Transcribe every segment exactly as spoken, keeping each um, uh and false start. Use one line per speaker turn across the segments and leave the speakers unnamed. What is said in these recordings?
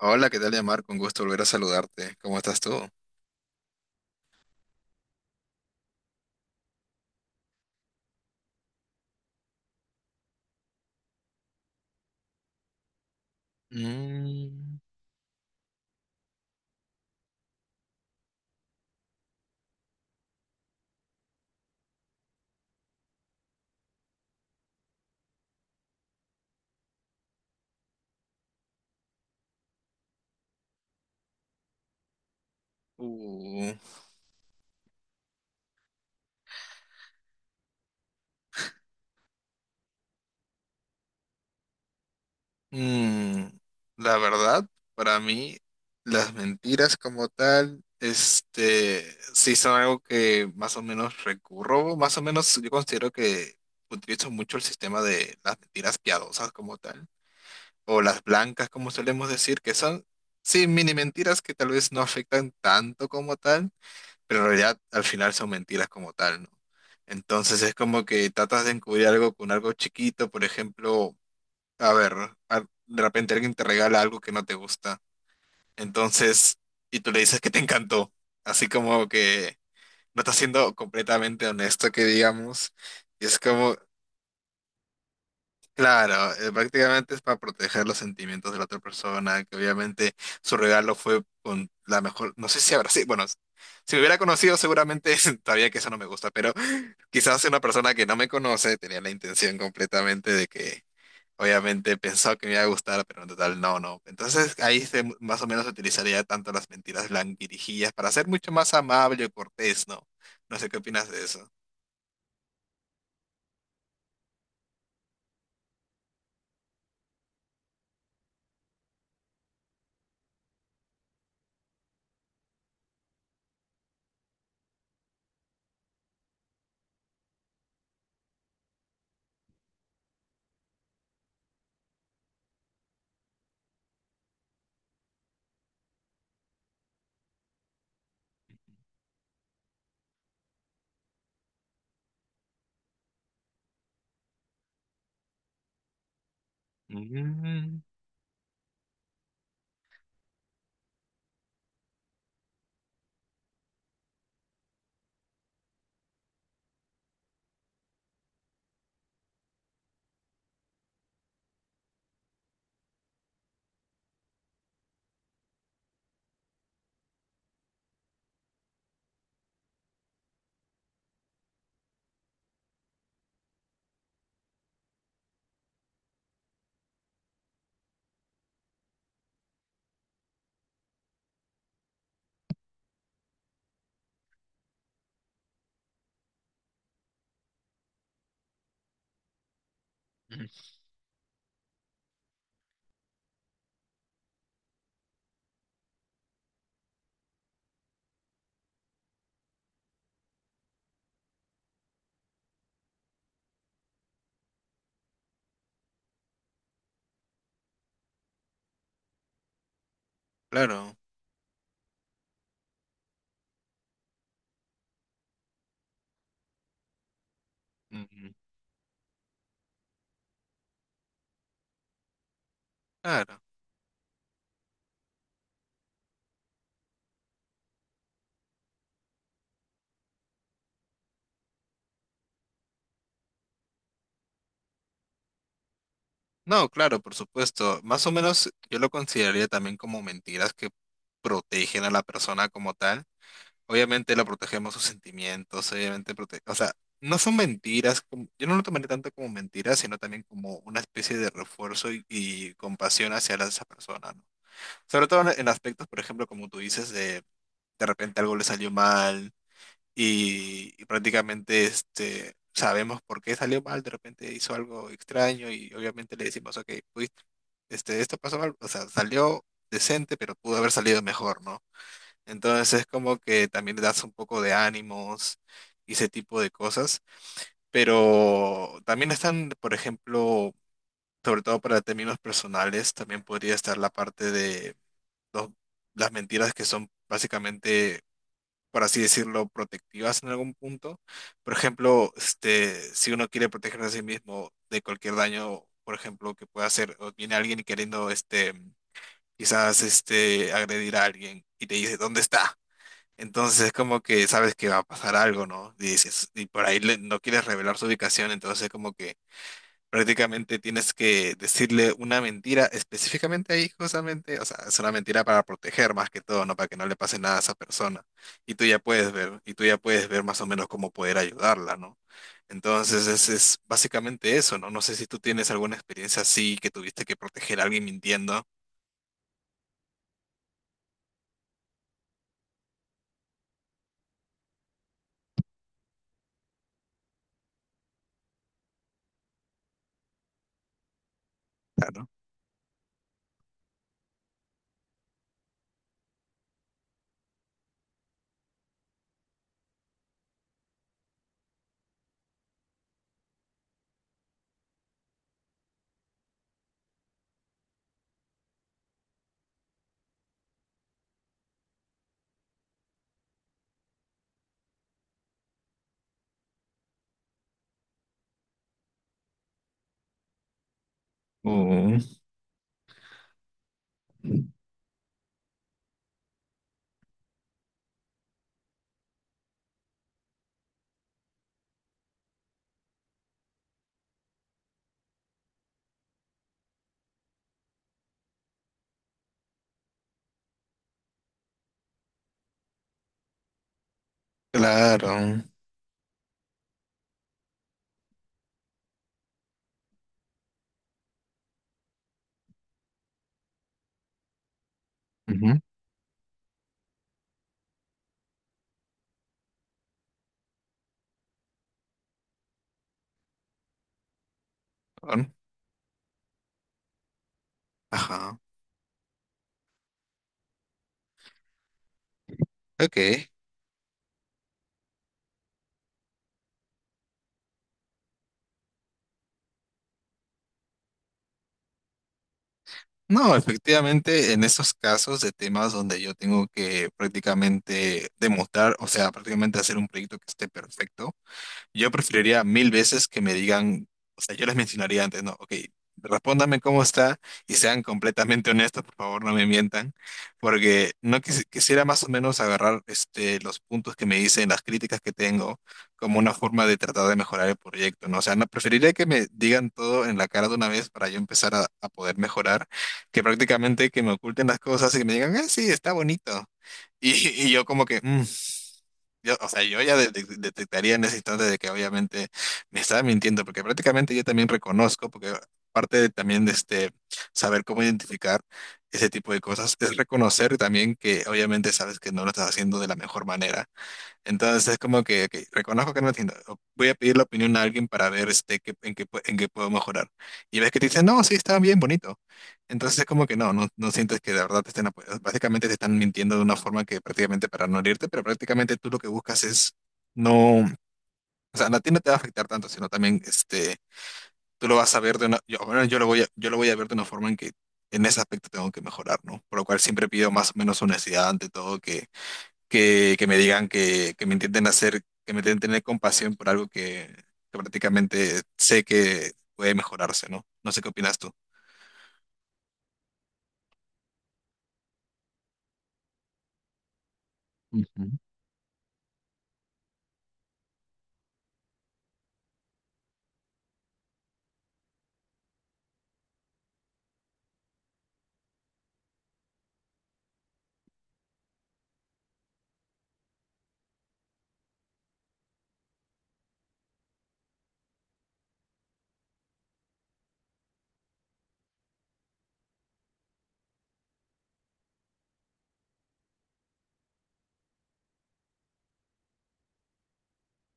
Hola, ¿qué tal, Yamar? Con gusto volver a saludarte. ¿Cómo estás tú? Mm, uh, mm, la verdad, para mí, las mentiras como tal, este, sí son algo que más o menos recurro, más o menos yo considero que utilizo mucho el sistema de las mentiras piadosas como tal, o las blancas como solemos decir, que son, sí, mini mentiras que tal vez no afectan tanto como tal, pero en realidad al final son mentiras como tal, ¿no? Entonces es como que tratas de encubrir algo con algo chiquito, por ejemplo, a ver, a- de repente alguien te regala algo que no te gusta, entonces, y tú le dices que te encantó, así como que no estás siendo completamente honesto, que digamos, y es como, claro, eh, prácticamente es para proteger los sentimientos de la otra persona, que obviamente su regalo fue con la mejor, no sé si habrá sí, bueno, si me hubiera conocido seguramente sabía que eso no me gusta, pero quizás una persona que no me conoce tenía la intención completamente de que obviamente pensó que me iba a gustar, pero en total no, no. Entonces ahí se, más o menos utilizaría tanto las mentiras blanquirijillas para ser mucho más amable y cortés, ¿no? No sé qué opinas de eso. Claro. Ujú. Claro. No, claro, por supuesto. Más o menos yo lo consideraría también como mentiras que protegen a la persona como tal. Obviamente la protegemos sus sentimientos, obviamente protege, o sea, no son mentiras, como- yo no lo tomaría tanto como mentiras, sino también como una especie de refuerzo y, y compasión hacia la- esa persona, ¿no? Sobre todo en, en aspectos, por ejemplo, como tú dices, de de repente algo le salió mal, y, y prácticamente este, sabemos por qué salió mal, de repente hizo algo extraño y obviamente le decimos, ok, pudiste- este, esto pasó mal, o sea, salió decente, pero pudo haber salido mejor, ¿no? Entonces es como que también le das un poco de ánimos y ese tipo de cosas, pero también están, por ejemplo, sobre todo para términos personales, también podría estar la parte de los- las mentiras que son básicamente, por así decirlo, protectivas en algún punto. Por ejemplo, este, si uno quiere protegerse a sí mismo de cualquier daño, por ejemplo, que pueda hacer, o viene alguien queriendo, este, quizás, este, agredir a alguien y te dice, ¿dónde está? Entonces es como que sabes que va a pasar algo, ¿no? Y dices, y por ahí le- no quieres revelar su ubicación, entonces como que prácticamente tienes que decirle una mentira específicamente ahí, justamente. O sea, es una mentira para proteger más que todo, ¿no? Para que no le pase nada a esa persona. Y tú ya puedes ver, y tú ya puedes ver más o menos cómo poder ayudarla, ¿no? Entonces, es, es básicamente eso, ¿no? No sé si tú tienes alguna experiencia así que tuviste que proteger a alguien mintiendo. Claro. Oh, claro. Ujú. Claro. Ajá. Ok. No, efectivamente, en esos casos de temas donde yo tengo que prácticamente demostrar, o sea, prácticamente hacer un proyecto que esté perfecto. Yo preferiría mil veces que me digan, o sea, yo les mencionaría antes, no, ok, respóndame cómo está y sean completamente honestos, por favor, no me mientan, porque no quisi- quisiera más o menos agarrar este, los puntos que me dicen, las críticas que tengo, como una forma de tratar de mejorar el proyecto, ¿no? O sea, no, preferiría que me digan todo en la cara de una vez para yo empezar a, a poder mejorar, que prácticamente que me oculten las cosas y que me digan, ah, sí, está bonito. Y, y yo como que, "Mm, yo, o sea, yo ya de- de- detectaría en ese instante de que obviamente me estaba mintiendo, porque prácticamente yo también reconozco, porque parte de, también de este saber cómo identificar ese tipo de cosas es reconocer también que obviamente sabes que no lo estás haciendo de la mejor manera. Entonces es como que, ok, reconozco que no entiendo. O voy a pedir la opinión a alguien para ver este, qué- en qué, pu- en qué puedo mejorar. Y ves que te dicen, no, sí, está bien bonito. Entonces es como que no, no, no sientes que de verdad te estén apoyando. Básicamente te están mintiendo de una forma que prácticamente para no herirte, pero prácticamente tú lo que buscas es no, o sea, a ti no te va a afectar tanto, sino también este, tú lo vas a ver de una, yo, bueno, yo lo voy a, yo lo voy a ver de una forma en que en ese aspecto tengo que mejorar, ¿no? Por lo cual siempre pido más o menos honestidad ante todo, que, que me digan que, que me intenten hacer, que me intenten tener compasión por algo que, que prácticamente sé que puede mejorarse, ¿no? No sé qué opinas tú. Ujú.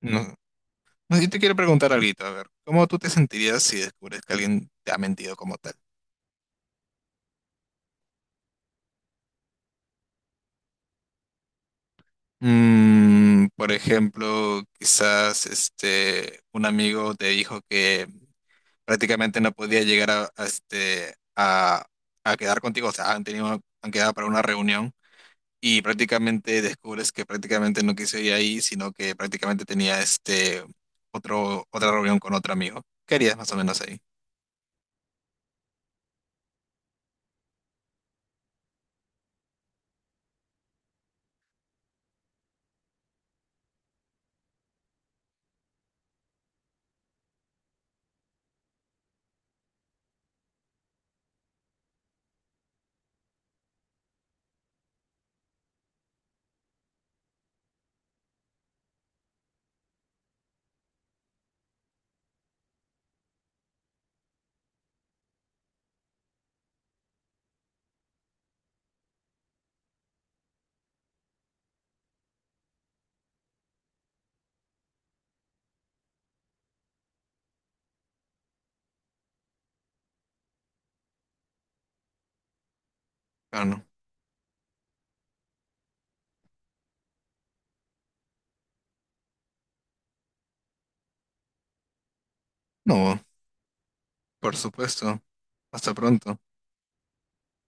No. No, yo te quiero preguntar algo, a ver, ¿cómo tú te sentirías si descubres que alguien te ha mentido como tal? Mm, por ejemplo, quizás este un amigo te dijo que prácticamente no podía llegar a, a, este a, a quedar contigo, o sea, han tenido han quedado para una reunión y prácticamente descubres que prácticamente no quiso ir ahí, sino que prácticamente tenía este otro, otra reunión con otro amigo. ¿Qué harías más o menos ahí? Claro, no. No, por supuesto. Hasta pronto.